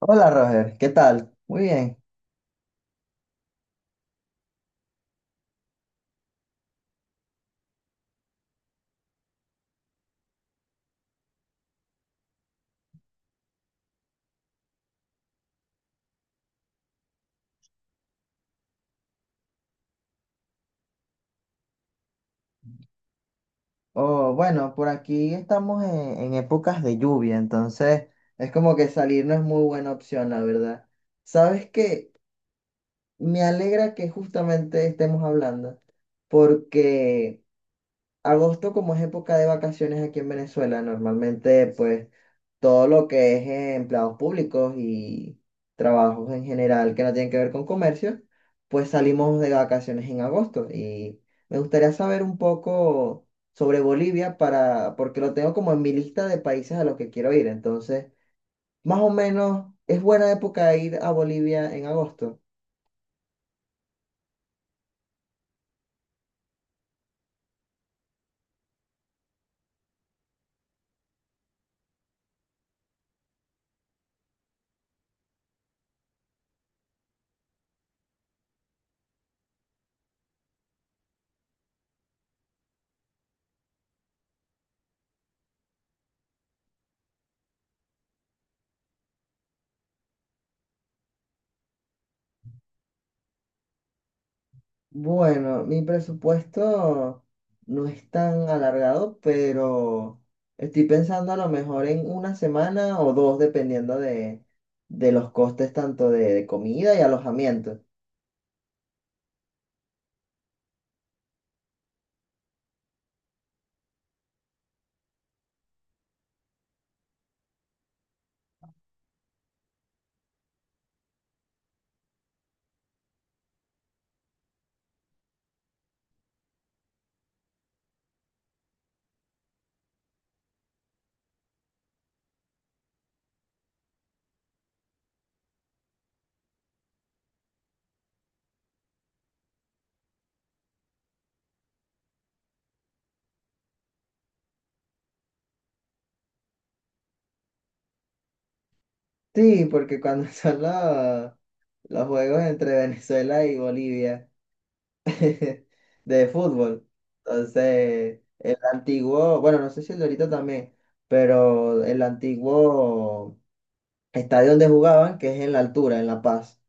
Hola Roger, ¿qué tal? Muy bien. Oh, bueno, por aquí en épocas de lluvia, entonces es como que salir no es muy buena opción, la verdad. ¿Sabes qué? Me alegra que justamente estemos hablando, porque agosto, como es época de vacaciones aquí en Venezuela, normalmente pues todo lo que es empleados públicos y trabajos en general que no tienen que ver con comercio, pues salimos de vacaciones en agosto. Y me gustaría saber un poco sobre Bolivia porque lo tengo como en mi lista de países a los que quiero ir. Entonces, más o menos, ¿es buena época ir a Bolivia en agosto? Bueno, mi presupuesto no es tan alargado, pero estoy pensando a lo mejor en una semana o dos, dependiendo de los costes tanto de comida y alojamiento. Sí, porque cuando son los juegos entre Venezuela y Bolivia de fútbol, entonces el antiguo, bueno, no sé si el de ahorita también, pero el antiguo estadio donde jugaban, que es en la altura, en La Paz.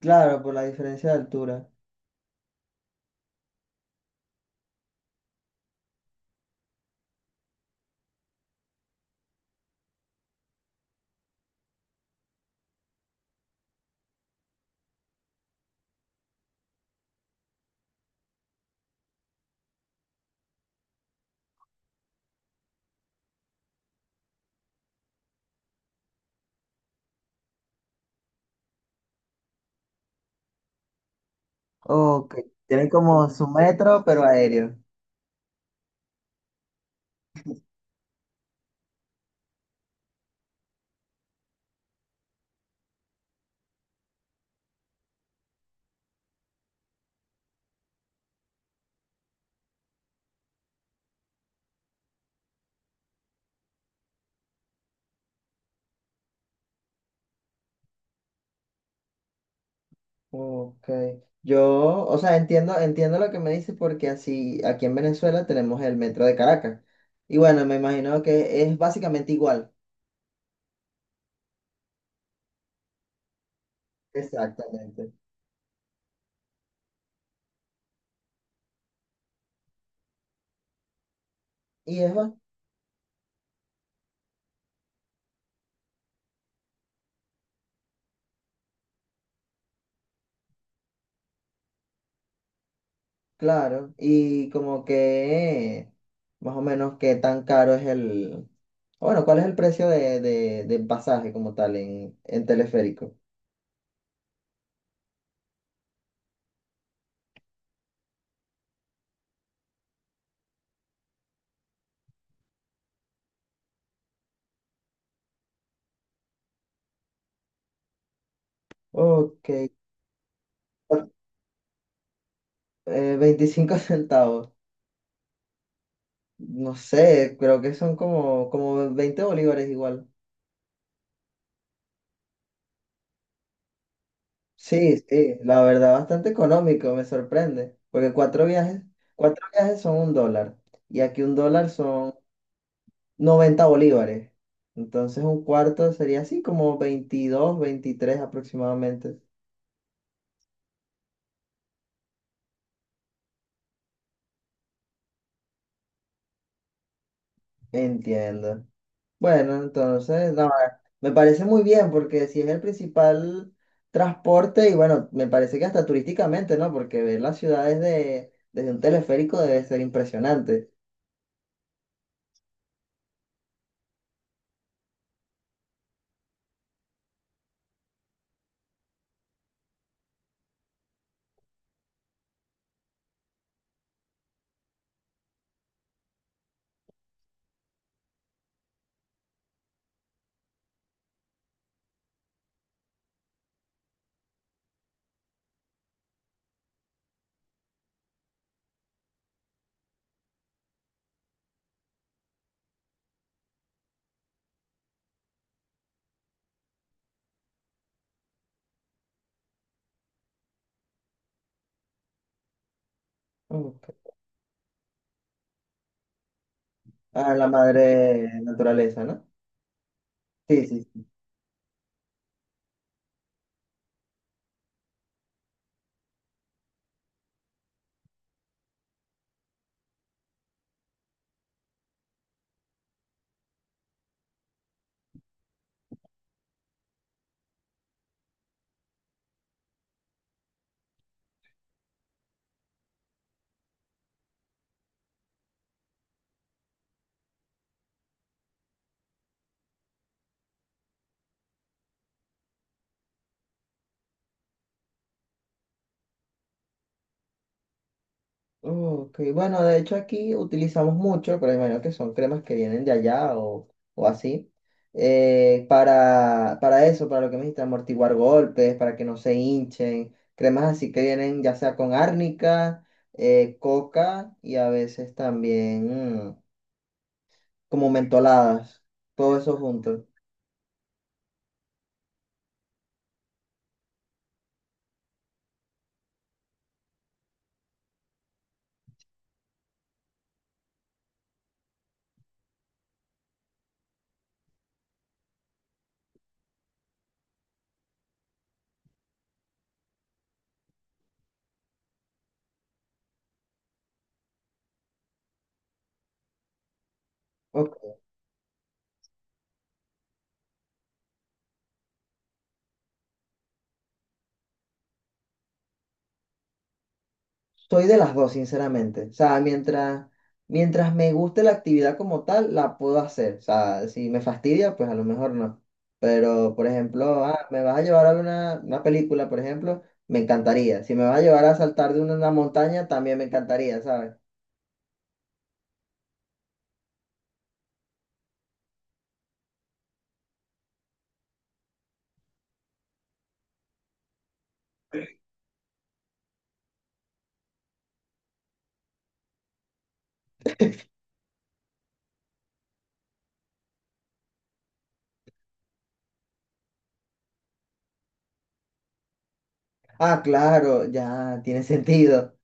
Claro, por la diferencia de altura. Ok, tienen como su metro, pero aéreo. Ok. Yo, o sea, entiendo lo que me dices porque así aquí en Venezuela tenemos el metro de Caracas. Y bueno, me imagino que es básicamente igual. Exactamente. Y es, ba- claro, y como que más o menos qué tan caro es el, o bueno, cuál es el precio de pasaje como tal en teleférico. Ok, 25 centavos. No sé, creo que son como 20 bolívares igual. Sí, sí, la verdad, bastante económico, me sorprende, porque cuatro viajes son un dólar, y aquí un dólar son 90 bolívares, entonces un cuarto sería así como 22, 23 aproximadamente. Entiendo. Bueno, entonces, no, me parece muy bien porque si es el principal transporte y bueno, me parece que hasta turísticamente, ¿no? Porque ver las ciudades desde un teleférico debe ser impresionante. Mm. A la madre naturaleza, ¿no? Sí, sí, sí. Ok, bueno, de hecho aquí utilizamos mucho, pero imagino que son cremas que vienen de allá o así, para eso, para lo que me dijiste, amortiguar golpes, para que no se hinchen, cremas así que vienen ya sea con árnica, coca y a veces también mm, como mentoladas, todo eso junto. Ok, soy de las dos, sinceramente. O sea, mientras me guste la actividad como tal, la puedo hacer. O sea, si me fastidia, pues a lo mejor no. Pero, por ejemplo, ah, me vas a llevar a ver una película, por ejemplo, me encantaría. Si me vas a llevar a saltar de una montaña, también me encantaría, ¿sabes? Ah, claro, ya tiene sentido.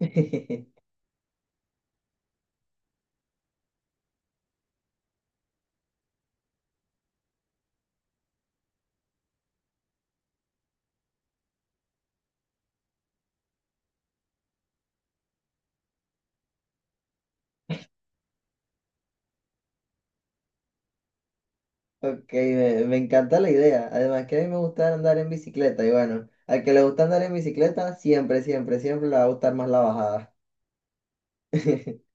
Ok, me encanta la idea. Además que a mí me gusta andar en bicicleta y bueno, al que le gusta andar en bicicleta, siempre, siempre, siempre le va a gustar más la bajada.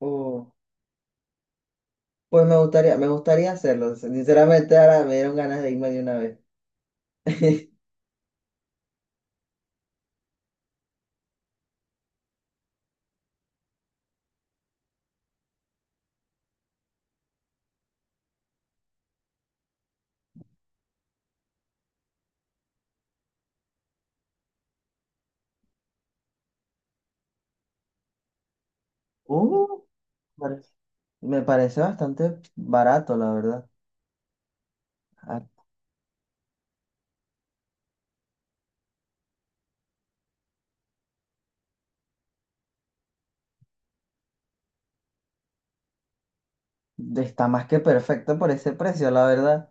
Oh. Pues me gustaría hacerlo. Sinceramente, ahora me dieron ganas de irme de una vez. Uh, pare- me parece bastante barato, la verdad. Ah, está más que perfecto por ese precio, la verdad.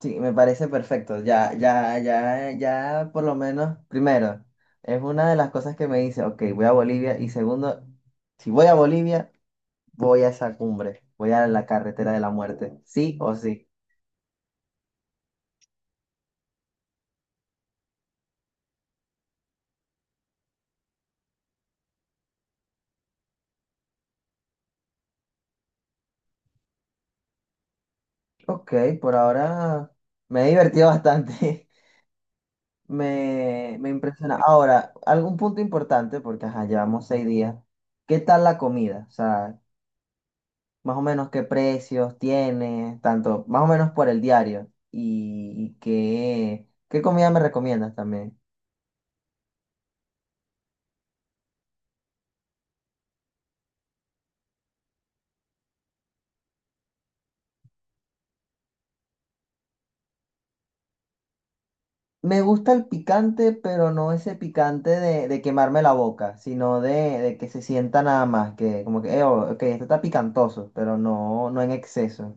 Sí, me parece perfecto. Ya, ya, ya, ya, por lo menos, primero, es una de las cosas que me dice, ok, voy a Bolivia. Y segundo, si voy a Bolivia, voy a esa cumbre, voy a la carretera de la muerte, sí o sí. Ok, por ahora me he divertido bastante. Me impresiona. Ahora, algún punto importante, porque ajá, llevamos seis días. ¿Qué tal la comida? O sea, más o menos qué precios tiene, tanto, más o menos por el diario. Y, qué comida me recomiendas también. Me gusta el picante, pero no ese picante de quemarme la boca, sino de que se sienta nada más, que como que, oh, ok, esto está picantoso, pero no, no en exceso.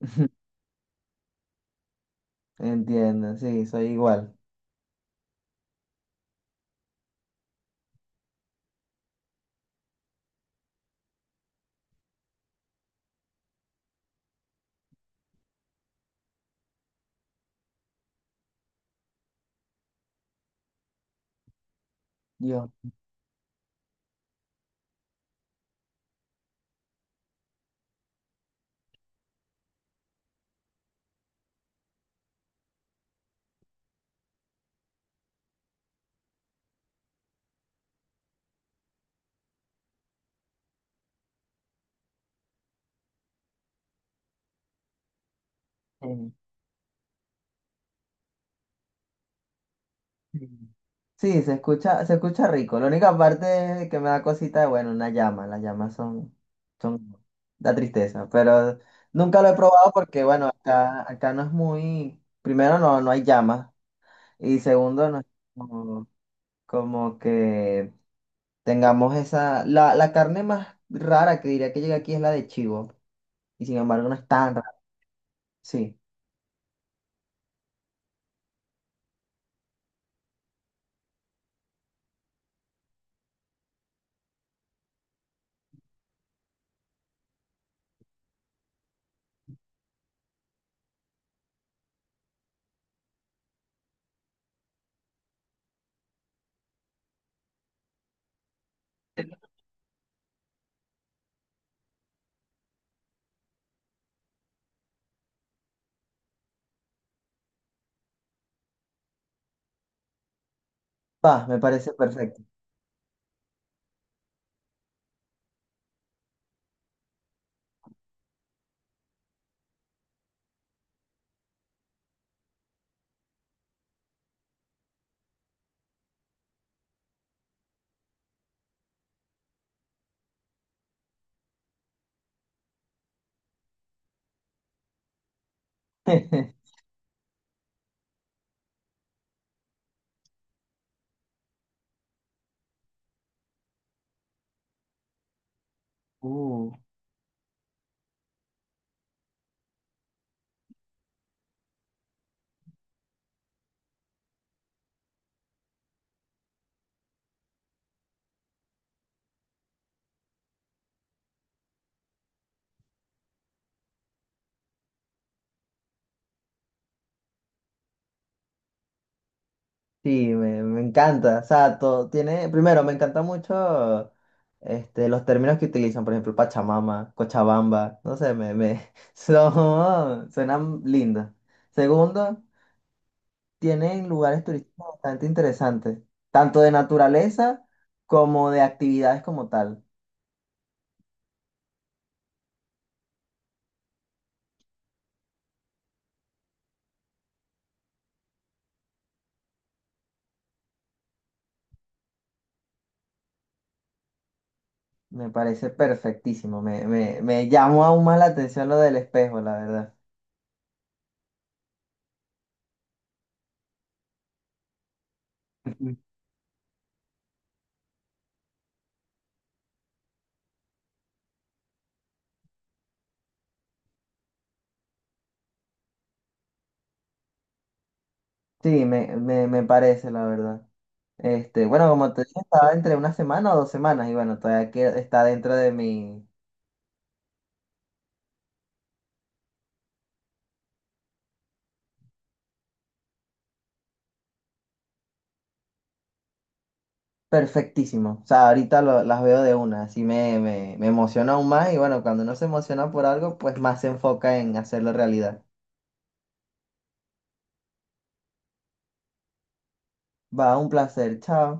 Entiendo, sí, soy igual. Dios. Mm. Sí, se escucha rico. La única parte que me da cosita es, bueno, una llama. Las llamas son, son, da tristeza. Pero nunca lo he probado porque, bueno, acá, acá no es muy, primero no, no hay llamas. Y segundo, no es como, como que tengamos esa, la carne más rara que diría que llega aquí es la de chivo. Y sin embargo no es tan rara. Sí. Va, me parece perfecto. Uh. Sí, me encanta. O sea, todo tiene. Primero, me encanta mucho este, los términos que utilizan, por ejemplo, Pachamama, Cochabamba. No sé, me son, suenan lindos. Segundo, tienen lugares turísticos bastante interesantes, tanto de naturaleza como de actividades como tal. Me parece perfectísimo. Me llamó aún más la atención lo del espejo, la verdad. Ujú. Sí, me parece, la verdad. Este, bueno, como te dije, estaba entre una semana o dos semanas y bueno, todavía que está dentro de mi perfectísimo. O sea, ahorita lo- las veo de una, así me, me, me emociona aún más y bueno, cuando uno se emociona por algo, pues más se enfoca en hacerlo realidad. Va, un placer, chao.